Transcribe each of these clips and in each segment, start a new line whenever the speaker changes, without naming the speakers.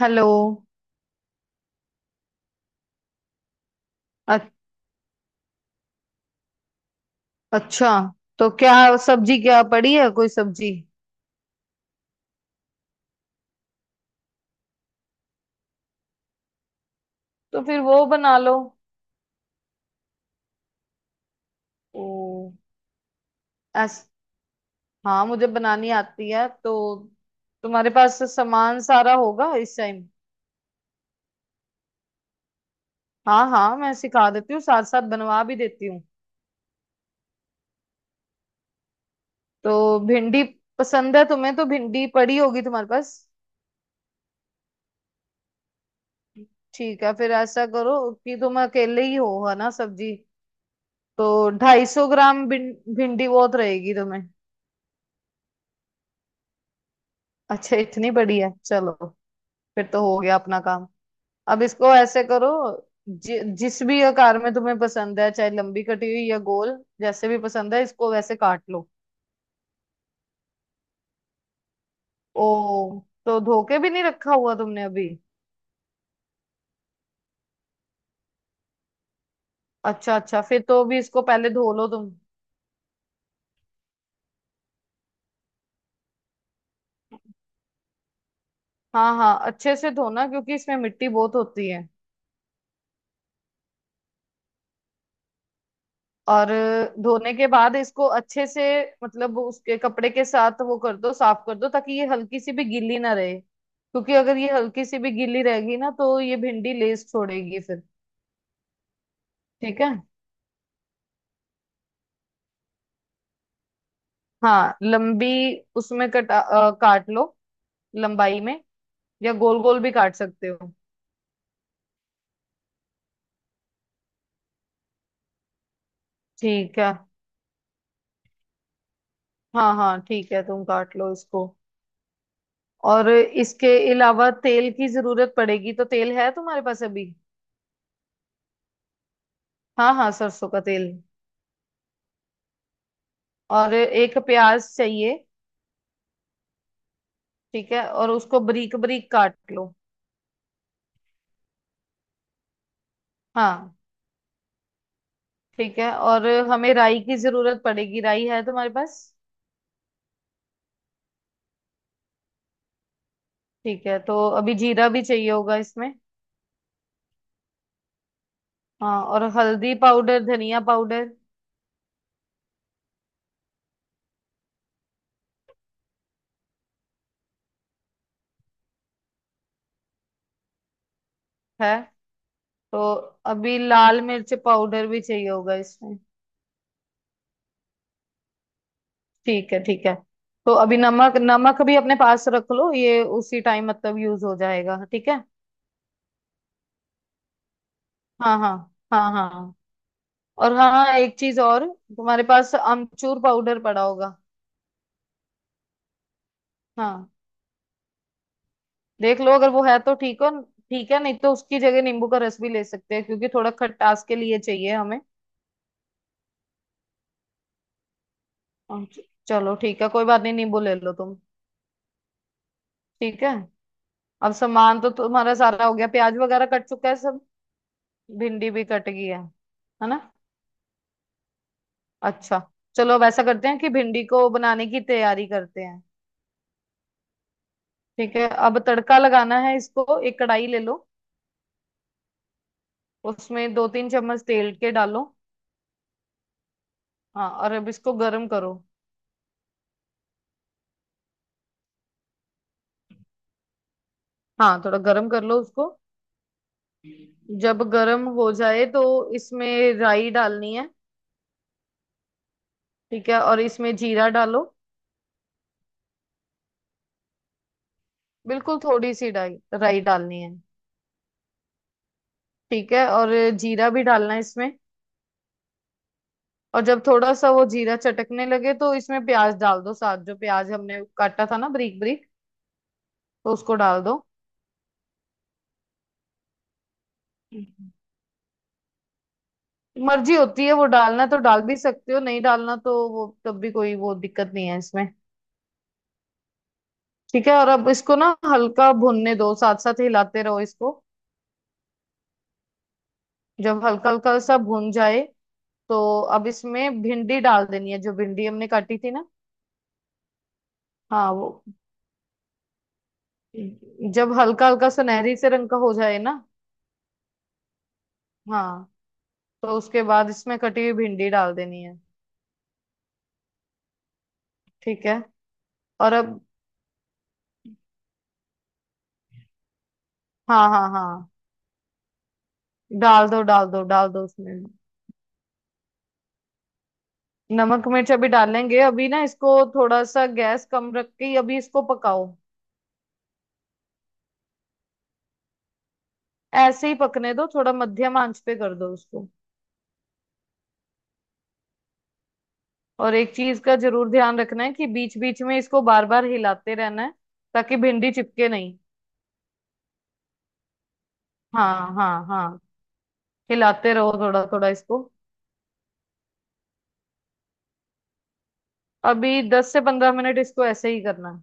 Hello. अ- अच्छा, तो क्या? सब्जी क्या पड़ी है? कोई सब्जी? तो फिर वो बना लो। ओ। ऐस। हाँ, मुझे बनानी आती है तो तुम्हारे पास सामान सारा होगा इस टाइम? हाँ हाँ, मैं सिखा देती हूँ, साथ साथ बनवा भी देती हूँ। तो भिंडी पसंद है तुम्हें तो भिंडी पड़ी होगी तुम्हारे पास। ठीक है, फिर ऐसा करो कि तुम अकेले ही हो, है ना? सब्जी तो 250 ग्राम भिंडी बहुत रहेगी तुम्हें। अच्छा, इतनी बड़ी है? चलो, फिर तो हो गया अपना काम। अब इसको ऐसे करो, जिस भी आकार में तुम्हें पसंद है, चाहे लंबी कटी हुई या गोल, जैसे भी पसंद है इसको वैसे काट लो। ओ, तो धो के भी नहीं रखा हुआ तुमने अभी? अच्छा अच्छा, फिर तो अभी इसको पहले धो लो तुम। हाँ हाँ, अच्छे से धोना क्योंकि इसमें मिट्टी बहुत होती है। और धोने के बाद इसको अच्छे से, मतलब उसके कपड़े के साथ वो कर दो, साफ कर दो, ताकि ये हल्की सी भी गीली ना रहे, क्योंकि अगर ये हल्की सी भी गीली रहेगी ना तो ये भिंडी लेस छोड़ेगी फिर। ठीक है। हाँ लंबी, उसमें कटा काट लो लंबाई में, या गोल गोल भी काट सकते हो। ठीक है। हाँ हाँ ठीक है, तुम काट लो इसको। और इसके अलावा तेल की जरूरत पड़ेगी, तो तेल है तुम्हारे पास अभी? हाँ हाँ, सरसों का तेल। और एक प्याज चाहिए। ठीक है, और उसको बारीक बारीक काट लो। हाँ। ठीक है, और हमें राई की जरूरत पड़ेगी, राई है तुम्हारे पास? ठीक है, तो अभी जीरा भी चाहिए होगा इसमें। हाँ, और हल्दी पाउडर, धनिया पाउडर है। तो अभी लाल मिर्च पाउडर भी चाहिए होगा इसमें। ठीक है ठीक है। तो अभी नमक, नमक भी अपने पास रख लो, ये उसी टाइम मतलब यूज हो जाएगा। ठीक है। हाँ हाँ हाँ हाँ। और हाँ, एक चीज और, तुम्हारे पास अमचूर पाउडर पड़ा होगा। हाँ। देख लो, अगर वो है तो ठीक हो। ठीक है, नहीं तो उसकी जगह नींबू का रस भी ले सकते हैं क्योंकि थोड़ा खटास के लिए चाहिए हमें। चलो ठीक है, कोई बात नहीं, नींबू ले लो तुम। ठीक है। अब सामान तो तुम्हारा सारा हो गया, प्याज वगैरह कट चुका है सब, भिंडी भी कट गई है ना? अच्छा, चलो, अब ऐसा करते हैं कि भिंडी को बनाने की तैयारी करते हैं। ठीक है, अब तड़का लगाना है इसको, एक कढ़ाई ले लो। उसमें 2-3 चम्मच तेल के डालो। हाँ, और अब इसको गर्म करो। हाँ, थोड़ा गर्म कर लो उसको। जब गर्म हो जाए तो इसमें राई डालनी है। ठीक है, और इसमें जीरा डालो। बिल्कुल थोड़ी सी राई, राई डालनी है। ठीक है, और जीरा भी डालना है इसमें। और जब थोड़ा सा वो जीरा चटकने लगे तो इसमें प्याज डाल दो साथ, जो प्याज हमने काटा था ना बारीक बारीक, तो उसको डाल दो। हम्म। मर्जी होती है, वो डालना तो डाल भी सकते हो, नहीं डालना तो वो तब भी कोई वो दिक्कत नहीं है इसमें। ठीक है, और अब इसको ना हल्का भूनने दो, साथ साथ हिलाते रहो इसको। जब हल्का हल्का सा भून जाए तो अब इसमें भिंडी डाल देनी है, जो भिंडी हमने काटी थी ना। हाँ वो, जब हल्का हल्का सुनहरी से रंग का हो जाए ना। हाँ, तो उसके बाद इसमें कटी हुई भिंडी डाल देनी है। ठीक है, और अब हाँ हाँ हाँ, डाल दो डाल दो डाल दो उसमें। नमक मिर्च अभी डालेंगे, अभी ना इसको थोड़ा सा गैस कम रख के ही अभी इसको पकाओ। ऐसे ही पकने दो, थोड़ा मध्यम आंच पे कर दो उसको। और एक चीज का जरूर ध्यान रखना है कि बीच बीच में इसको बार बार हिलाते रहना है, ताकि भिंडी चिपके नहीं। हाँ हाँ हाँ, हिलाते रहो थोड़ा थोड़ा इसको। अभी 10 से 15 मिनट इसको ऐसे ही करना है।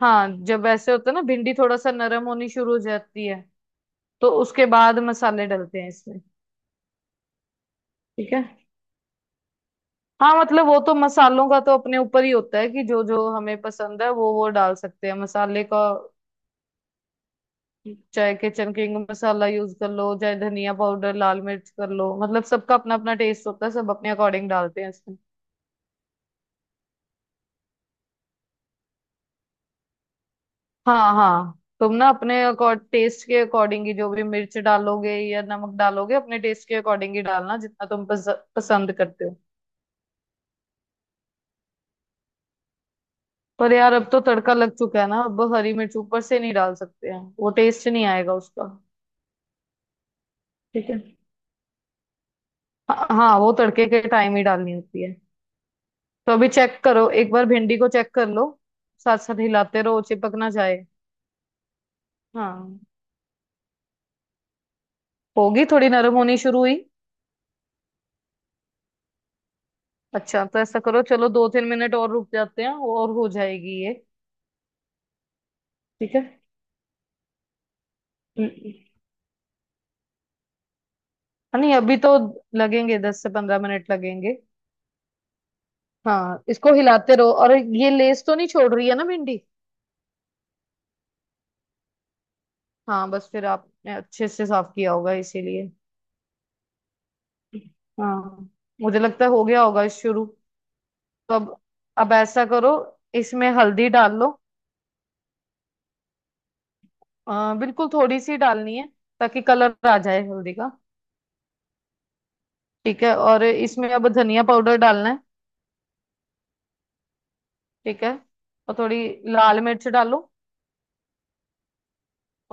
हाँ, जब ऐसे होता है ना, भिंडी थोड़ा सा नरम होनी शुरू हो जाती है, तो उसके बाद मसाले डलते हैं इसमें। ठीक है। हाँ, मतलब वो तो मसालों का तो अपने ऊपर ही होता है कि जो जो हमें पसंद है वो डाल सकते हैं मसाले का। चाहे किचन किंग मसाला यूज कर लो, चाहे धनिया पाउडर लाल मिर्च कर लो, मतलब सबका अपना अपना टेस्ट होता है, सब अपने अकॉर्डिंग डालते हैं इसमें। हाँ हाँ, तुम ना अपने टेस्ट के अकॉर्डिंग ही जो भी मिर्च डालोगे या नमक डालोगे, अपने टेस्ट के अकॉर्डिंग ही डालना, जितना तुम पसंद करते हो। पर यार अब तो तड़का लग चुका है ना, अब बस हरी मिर्च ऊपर से नहीं डाल सकते हैं, वो टेस्ट नहीं आएगा उसका। ठीक है। हाँ हाँ, वो तड़के के टाइम ही डालनी होती है। तो अभी चेक करो, एक बार भिंडी को चेक कर लो, साथ साथ हिलाते रहो, चिपक ना जाए। हाँ, होगी थोड़ी नरम होनी शुरू हुई। अच्छा, तो ऐसा करो, चलो 2-3 मिनट और रुक जाते हैं और हो जाएगी ये। ठीक है। हाँ, नहीं अभी तो लगेंगे, 10 से 15 मिनट लगेंगे। हाँ, इसको हिलाते रहो, और ये लेस तो नहीं छोड़ रही है ना भिंडी? हाँ बस, फिर आपने अच्छे से साफ किया होगा इसीलिए। हाँ, मुझे लगता है हो गया होगा शुरू। तो अब ऐसा करो, इसमें हल्दी डाल लो। बिल्कुल थोड़ी सी डालनी है, ताकि कलर आ जाए हल्दी का। ठीक है, और इसमें अब धनिया पाउडर डालना है। ठीक है, और थोड़ी लाल मिर्च डालो।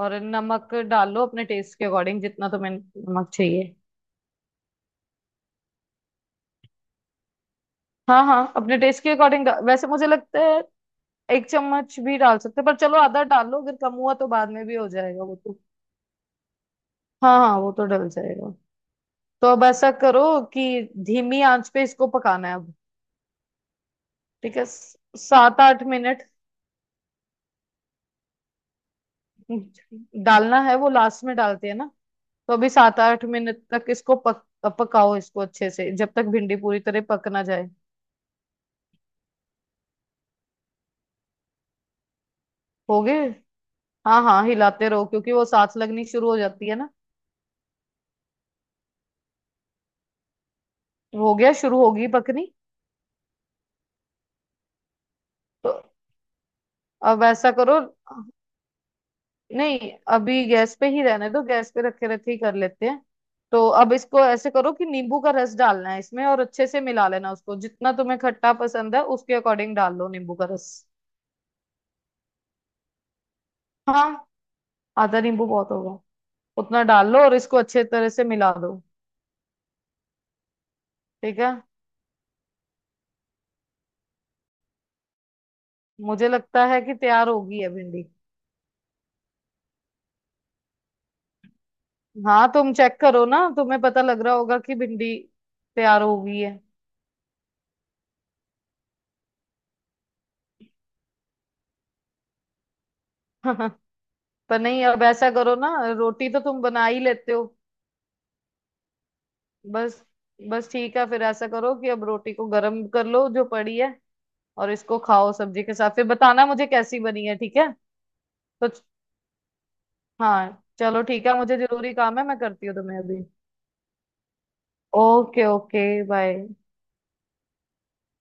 और नमक डाल लो अपने टेस्ट के अकॉर्डिंग, जितना तुम्हें नमक चाहिए। हाँ हाँ, अपने टेस्ट के अकॉर्डिंग, वैसे मुझे लगता है 1 चम्मच भी डाल सकते हैं, पर चलो आधा डाल लो, अगर कम हुआ तो बाद में भी हो जाएगा वो तो। हाँ हाँ, वो तो डल जाएगा। तो अब ऐसा करो कि धीमी आंच पे इसको पकाना है अब। ठीक है, 7-8 मिनट। डालना है वो, लास्ट में डालते हैं ना। तो अभी 7-8 मिनट तक इसको पकाओ इसको अच्छे से जब तक भिंडी पूरी तरह पक ना जाए। हो गए। हाँ हाँ, हिलाते रहो क्योंकि वो साथ लगनी शुरू हो जाती है ना। हो गया, शुरू होगी पकनी। तो अब ऐसा करो, नहीं अभी गैस पे ही रहने दो, गैस पे रखे रखे ही कर लेते हैं। तो अब इसको ऐसे करो कि नींबू का रस डालना है इसमें, और अच्छे से मिला लेना उसको, जितना तुम्हें खट्टा पसंद है उसके अकॉर्डिंग डाल लो नींबू का रस। हाँ, आधा नींबू बहुत होगा, उतना डाल लो और इसको अच्छे तरह से मिला दो। ठीक है, मुझे लगता है कि तैयार होगी है भिंडी। हाँ, तुम चेक करो ना, तुम्हें पता लग रहा होगा कि भिंडी तैयार हो गई है। पर नहीं, अब ऐसा करो ना, रोटी तो तुम बना ही लेते हो। बस। बस ठीक है, फिर ऐसा करो कि अब रोटी को गर्म कर लो जो पड़ी है, और इसको खाओ सब्जी के साथ, फिर बताना मुझे कैसी बनी है, ठीक है? तो हाँ चलो ठीक है, मुझे जरूरी काम है, मैं करती हूँ तुम्हें अभी। Okay okay. बाय।